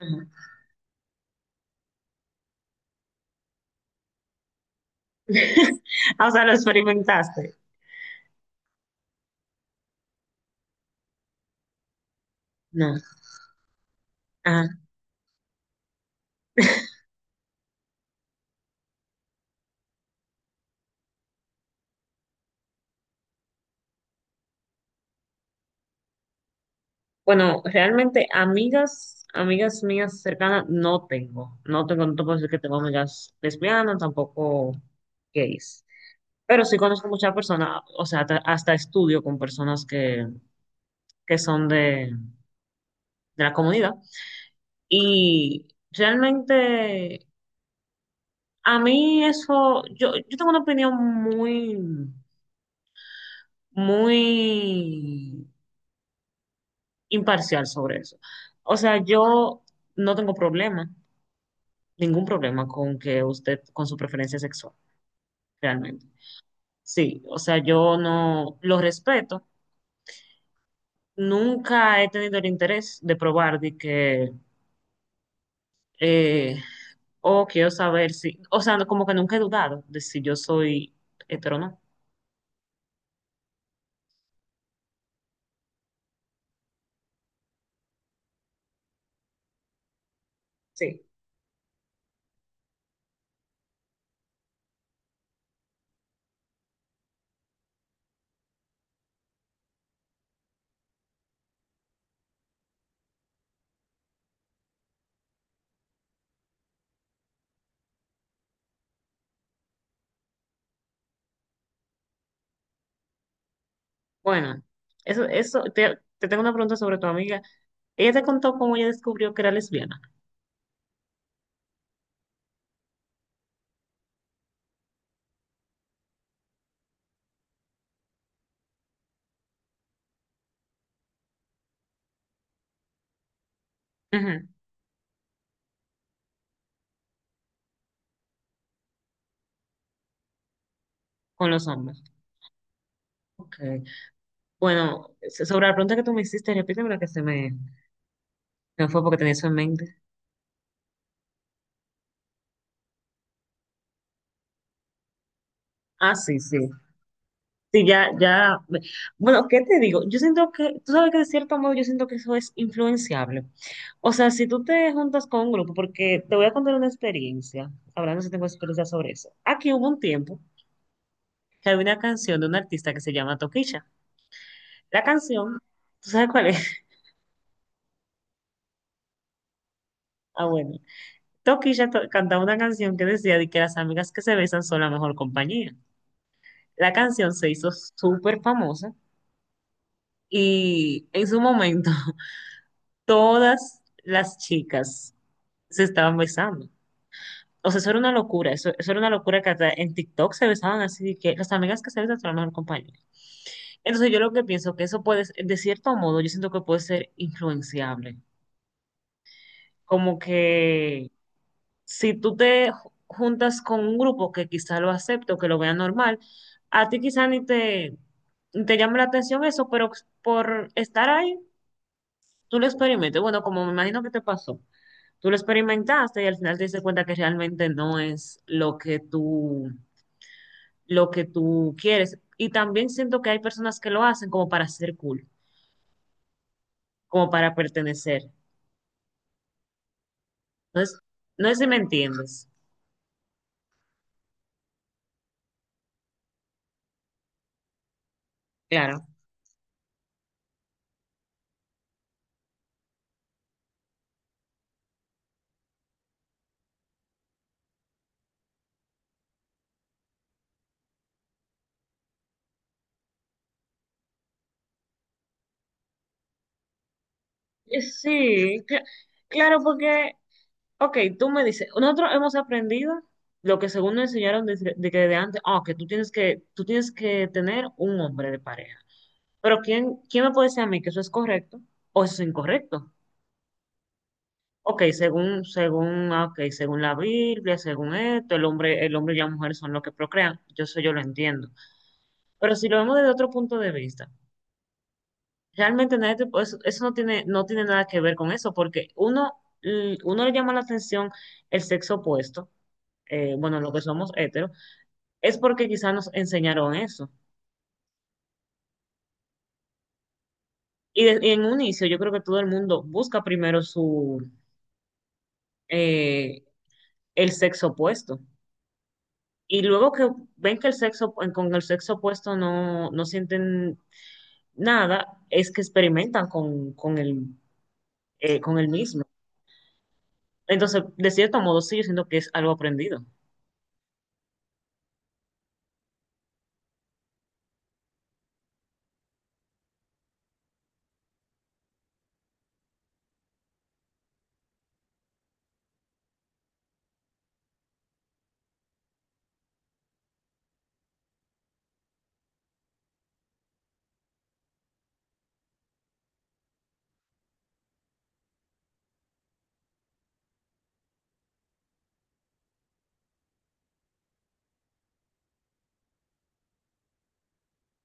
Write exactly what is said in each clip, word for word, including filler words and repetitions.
Ajá. Ah, o sea, lo experimentaste. No. Ah, bueno, realmente amigas, amigas mías cercanas no tengo. No tengo, no te puedo decir que tengo amigas lesbianas, tampoco gays. Pero sí conozco muchas personas, o sea, hasta, hasta estudio con personas que, que son de, de la comunidad. Y realmente a mí eso, yo, yo tengo una opinión muy, muy imparcial sobre eso. O sea, yo no tengo problema, ningún problema con que usted, con su preferencia sexual, realmente. Sí, o sea, yo no lo respeto. Nunca he tenido el interés de probar de que, eh, o quiero saber si, o sea, no- como que nunca he dudado de si yo soy hetero o no. Sí. Bueno, eso, eso, te, te tengo una pregunta sobre tu amiga. Ella te contó cómo ella descubrió que era lesbiana. Ujú. Con los hombres. Ok. Bueno, so- sobre la pregunta que tú me hiciste, repíteme repítemela que se me, me fue porque tenía eso en mente. Ah, sí, sí. Sí, ya, ya. me- Bueno, ¿qué te digo? Yo siento que, tú sabes que de cierto modo yo siento que eso es influenciable. O sea, si tú te juntas con un grupo, porque te voy a contar una experiencia, hablando si tengo experiencia sobre eso. Aquí hubo un tiempo que había una canción de un artista que se llama Toquilla. La canción, ¿tú sabes cuál es? Ah, bueno. Toquilla to- cantaba una canción que decía de que las amigas que se besan son la mejor compañía. La canción se hizo súper famosa y en su momento todas las chicas se estaban besando. O sea, eso era una locura, eso, eso era una locura que hasta en TikTok se besaban así, de que las amigas que se besan son la mejor compañía. Entonces yo lo que pienso que eso puede, ser- de cierto modo, yo siento que puede ser influenciable. Como que si tú te ju- juntas con un grupo que quizá lo acepte o que lo vea normal, a ti quizá ni te, ni te llame la atención eso, pero por estar ahí, tú lo experimentes. Bueno, como me imagino que te pasó, tú lo experimentaste y al final te diste cuenta que realmente no es lo que tú, lo que tú quieres. Y también siento que hay personas que lo hacen como para ser cool, como para pertenecer. Entonces, no sé si me entiendes. Claro. Eh, Sí, cl- claro, porque, ok, tú me dices, nosotros hemos aprendido lo que según nos enseñaron desde- de, que de antes, ah, que tú tienes que, tú tienes que tener un hombre de pareja. Pero ¿quién, quién me puede decir a mí que eso es correcto o eso es incorrecto? Ok, según, según, ah, ok, según la Biblia, según esto, el hombre, el hombre y la mujer son los que procrean. Yo eso yo lo entiendo. Pero si lo vemos desde otro punto de vista, realmente nadie te puede- eso, eso no tiene, no tiene nada que ver con eso, porque uno, l- uno le llama la atención el sexo opuesto, eh, bueno, los que somos heteros, es porque quizás nos enseñaron eso. Y, de- y en un inicio yo creo que todo el mundo busca primero su, eh, el sexo opuesto. Y luego que ven que el sexo, con el sexo opuesto no, no sienten nada, es que experimentan con, con el, eh, con el mismo. Entonces, de cierto modo, sí, yo siento que es algo aprendido.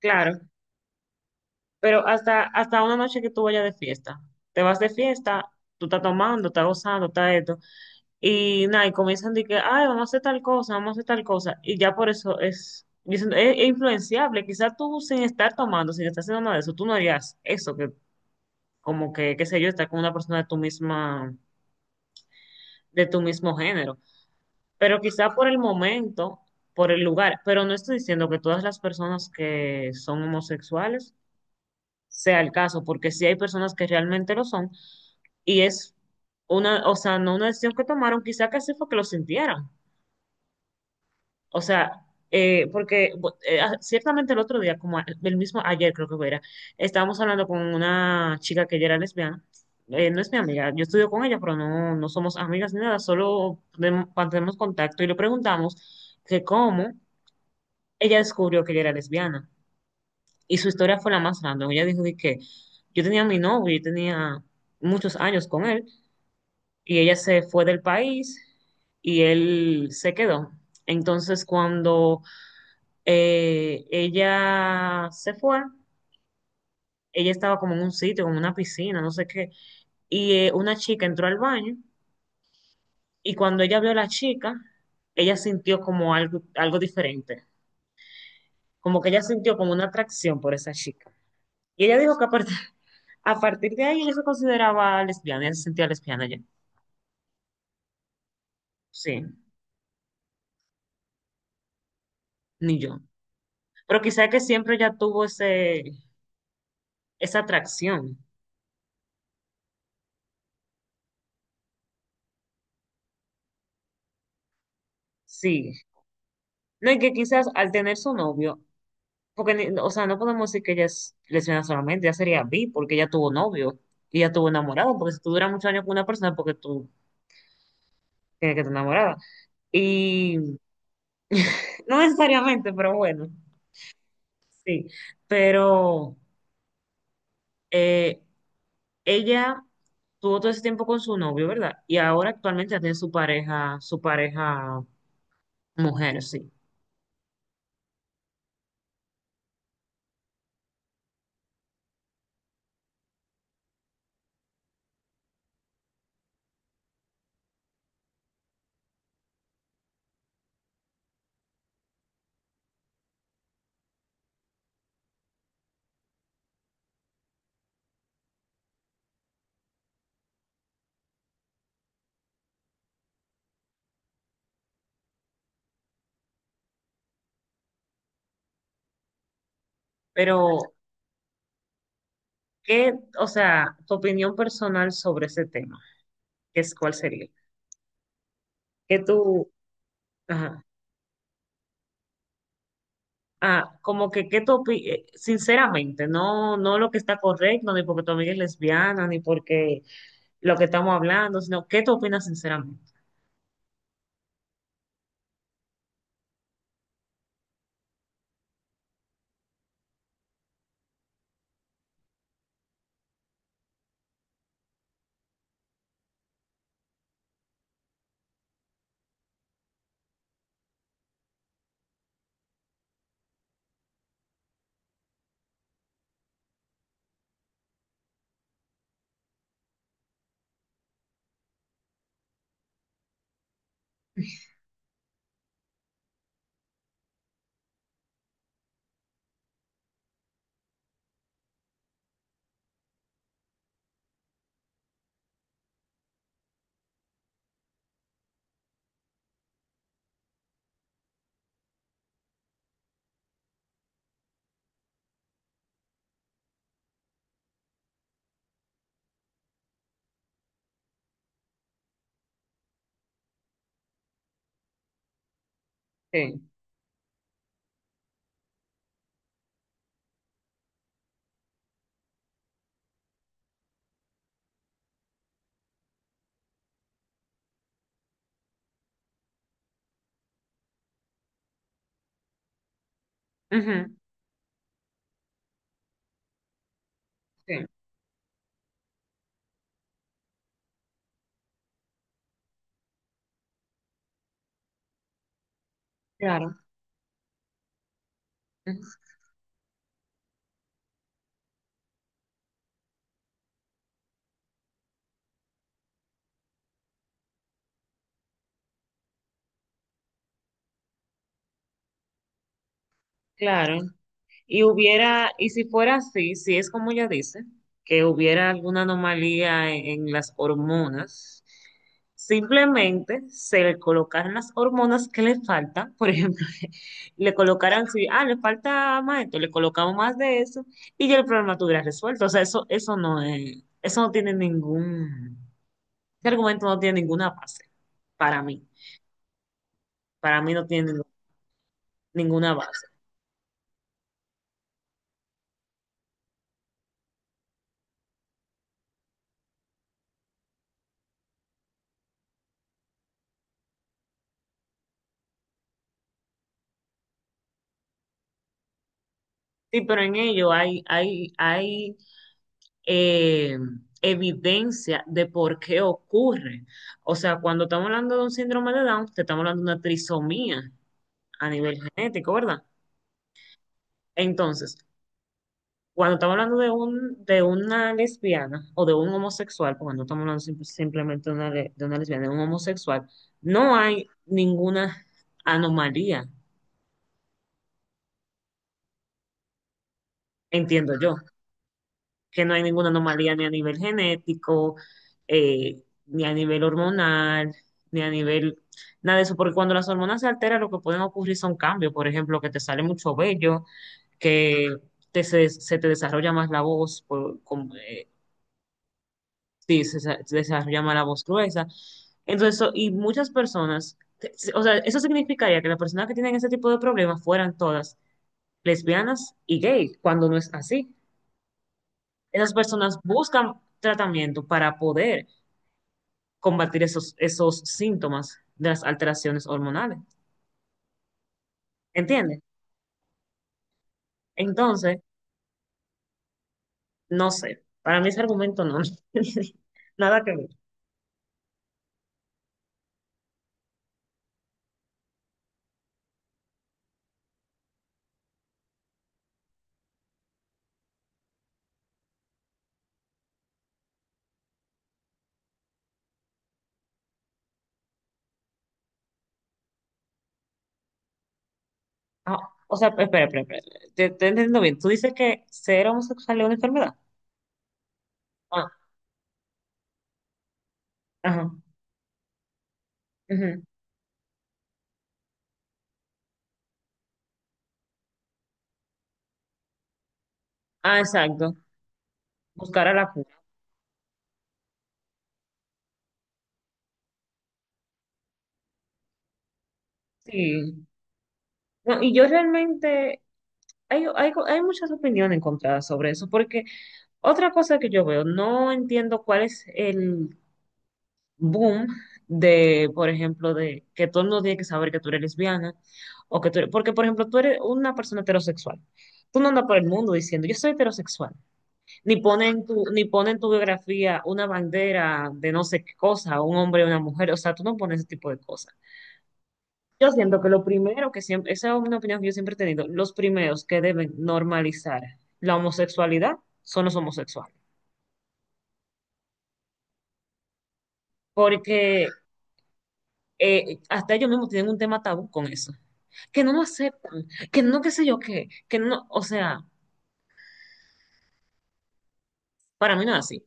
Claro, pero hasta, hasta una noche que tú vayas de fiesta, te vas de fiesta, tú estás tomando, estás gozando, estás esto, y nada, y comienzan de que, ay, vamos a hacer tal cosa, vamos a hacer tal cosa. Y ya por eso es, dicen, es, es influenciable. Quizás tú sin estar tomando, sin estar haciendo nada de eso, tú no harías eso, que como que, qué sé yo, estar con una persona de tu misma, de tu mismo género. Pero quizá por el momento, por el lugar. Pero no estoy diciendo que todas las personas que son homosexuales sea el caso, porque sí hay personas que realmente lo son. Y es una, o sea, no una decisión que tomaron, quizá que así fue que lo sintieran. O sea, eh, porque bu- eh, ah, ciertamente el otro día, como a- el mismo ayer creo que fue, era, estábamos hablando con una chica que ella era lesbiana. Eh, no es mi amiga, yo estudio con ella, pero no, no somos amigas ni nada, solo de- mantenemos contacto y le preguntamos que cómo ella descubrió que ella era lesbiana. Y su historia fue la más random. Ella dijo de que yo tenía mi novio, yo tenía muchos años con él, y ella se fue del país y él se quedó. Entonces, cuando eh, ella se fue, ella estaba como en un sitio, como una piscina, no sé qué, y eh, una chica entró al baño y cuando ella vio a la chica, ella sintió como algo, algo diferente, como que ella sintió como una atracción por esa chica. Y ella dijo que a partir, a partir de ahí ella se consideraba lesbiana, ella se sentía lesbiana ya. Sí, ni yo. Pero quizá que siempre ya tuvo ese, esa atracción, sí. No, y que quizás al tener su novio, porque, ni- o sea, no podemos decir que ella es lesbiana solamente, ya sería bi, porque ella tuvo novio y ella tuvo enamorado, porque si tú duras muchos años con una persona, es porque tú tienes que estar enamorada. Y no necesariamente, pero bueno, sí. Pero eh, ella tuvo todo ese tiempo con su novio, ¿verdad? Y ahora actualmente ya tiene su pareja, su pareja mujer, sí. Pero, ¿qué, o sea, tu opinión personal sobre ese tema? ¿Qué es, cuál sería? ¿Qué tú? Ajá. Ah, como que, ¿qué tú opi- eh, Sinceramente, no, no lo que está correcto, ni porque tu amiga es lesbiana, ni porque lo que estamos hablando, sino ¿qué tú opinas sinceramente? Sí, ujú, sí, claro, ujú, claro. Y hubiera, y si fuera así, si es como ella dice, que hubiera alguna anomalía en, en las hormonas, simplemente se le colocaran las hormonas que le faltan, por ejemplo, le colocaran, si, ah, le falta más esto, le colocamos más de eso, y ya el problema tuviera resuelto. O sea, eso, eso no es, eso no tiene ningún, ese argumento no tiene ninguna base, para mí, para mí no tiene ningún- ninguna base. Sí, pero en ello hay, hay, hay eh, evidencia de por qué ocurre. O sea, cuando estamos hablando de un síndrome de Down, te estamos hablando de una trisomía a nivel genético, ¿verdad? Entonces, cuando estamos hablando de un, de una lesbiana o de un homosexual, porque no estamos hablando simple- simplemente de una, le- de una lesbiana, de un homosexual, no hay ninguna anomalía, entiendo yo. Que no hay ninguna anomalía ni a nivel genético, eh, ni a nivel hormonal, ni a nivel nada de eso, porque cuando las hormonas se alteran, lo que pueden ocurrir son cambios, por ejemplo, que te sale mucho vello, que te, se, se te desarrolla más la voz, por- como, eh, sí, se, se desarrolla más la voz gruesa. Entonces, so- y muchas personas, te- o sea, eso significaría que las personas que tienen ese tipo de problemas fueran todas lesbianas y gay, cuando no es así. Esas personas buscan tratamiento para poder combatir esos, esos síntomas de las alteraciones hormonales. ¿Entiendes? Entonces, no sé. Para mí ese argumento no. Nada que ver. Ah, o sea, espera, espera, espera. Te, te entiendo bien. Tú dices que ser homosexual es una enfermedad. Ah, ajá. Ujú. Ah, exacto. Buscar a la cura. Sí. No, y yo realmente. Hay, hay, hay muchas opiniones encontradas sobre eso, porque otra cosa que yo veo, no entiendo cuál es el boom de, por ejemplo, de que todo el mundo tiene que saber que tú eres lesbiana o que tú eres, porque, por ejemplo, tú eres una persona heterosexual. Tú no andas por el mundo diciendo, yo soy heterosexual. Ni ponen tu, ni ponen tu biografía una bandera de no sé qué cosa, un hombre o una mujer. O sea, tú no pones ese tipo de cosas. Yo siento que lo primero que siempre, esa es una opinión que yo siempre he tenido, los primeros que deben normalizar la homosexualidad son los homosexuales. Porque eh, hasta ellos mismos tienen un tema tabú con eso, que no lo aceptan, que no qué sé yo qué, que no, o sea, para mí no es así.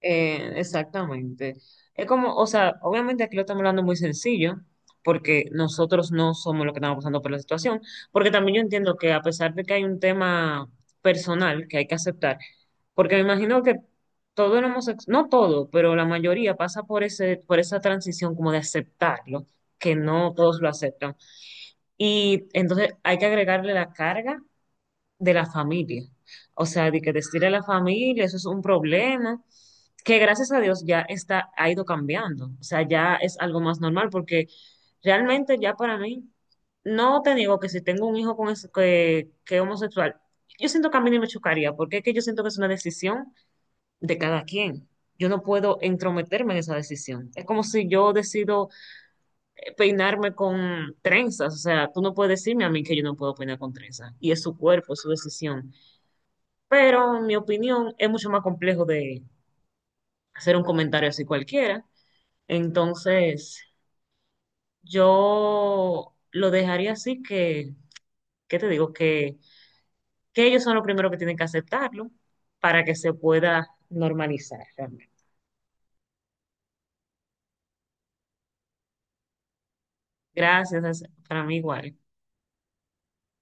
Eh, exactamente. Es como, o sea, obviamente aquí lo estamos hablando muy sencillo, porque nosotros no somos los que estamos pasando por la situación, porque también yo entiendo que a pesar de que hay un tema personal que hay que aceptar, porque me imagino que todo el homosexual, no todo, pero la mayoría pasa por ese, por esa transición como de aceptarlo, que no todos lo aceptan. Y entonces hay que agregarle la carga de la familia. O sea, de que destruir a la familia, eso es un problema que gracias a Dios ya está, ha ido cambiando. O sea, ya es algo más normal porque realmente ya para mí, no te digo que si tengo un hijo con ese- que, que es homosexual, yo siento que a mí ni me chocaría porque es que yo siento que es una decisión de cada quien. Yo no puedo entrometerme en esa decisión. Es como si yo decido eh, peinarme con trenzas. O sea, tú no puedes decirme a mí que yo no puedo peinar con trenzas. Y es su cuerpo, es su decisión. Pero en mi opinión es mucho más complejo de hacer un comentario así cualquiera. Entonces, yo lo dejaría así que, ¿qué te digo? Que, que ellos son los primeros que tienen que aceptarlo para que se pueda normalizar realmente. Gracias, es para mí igual.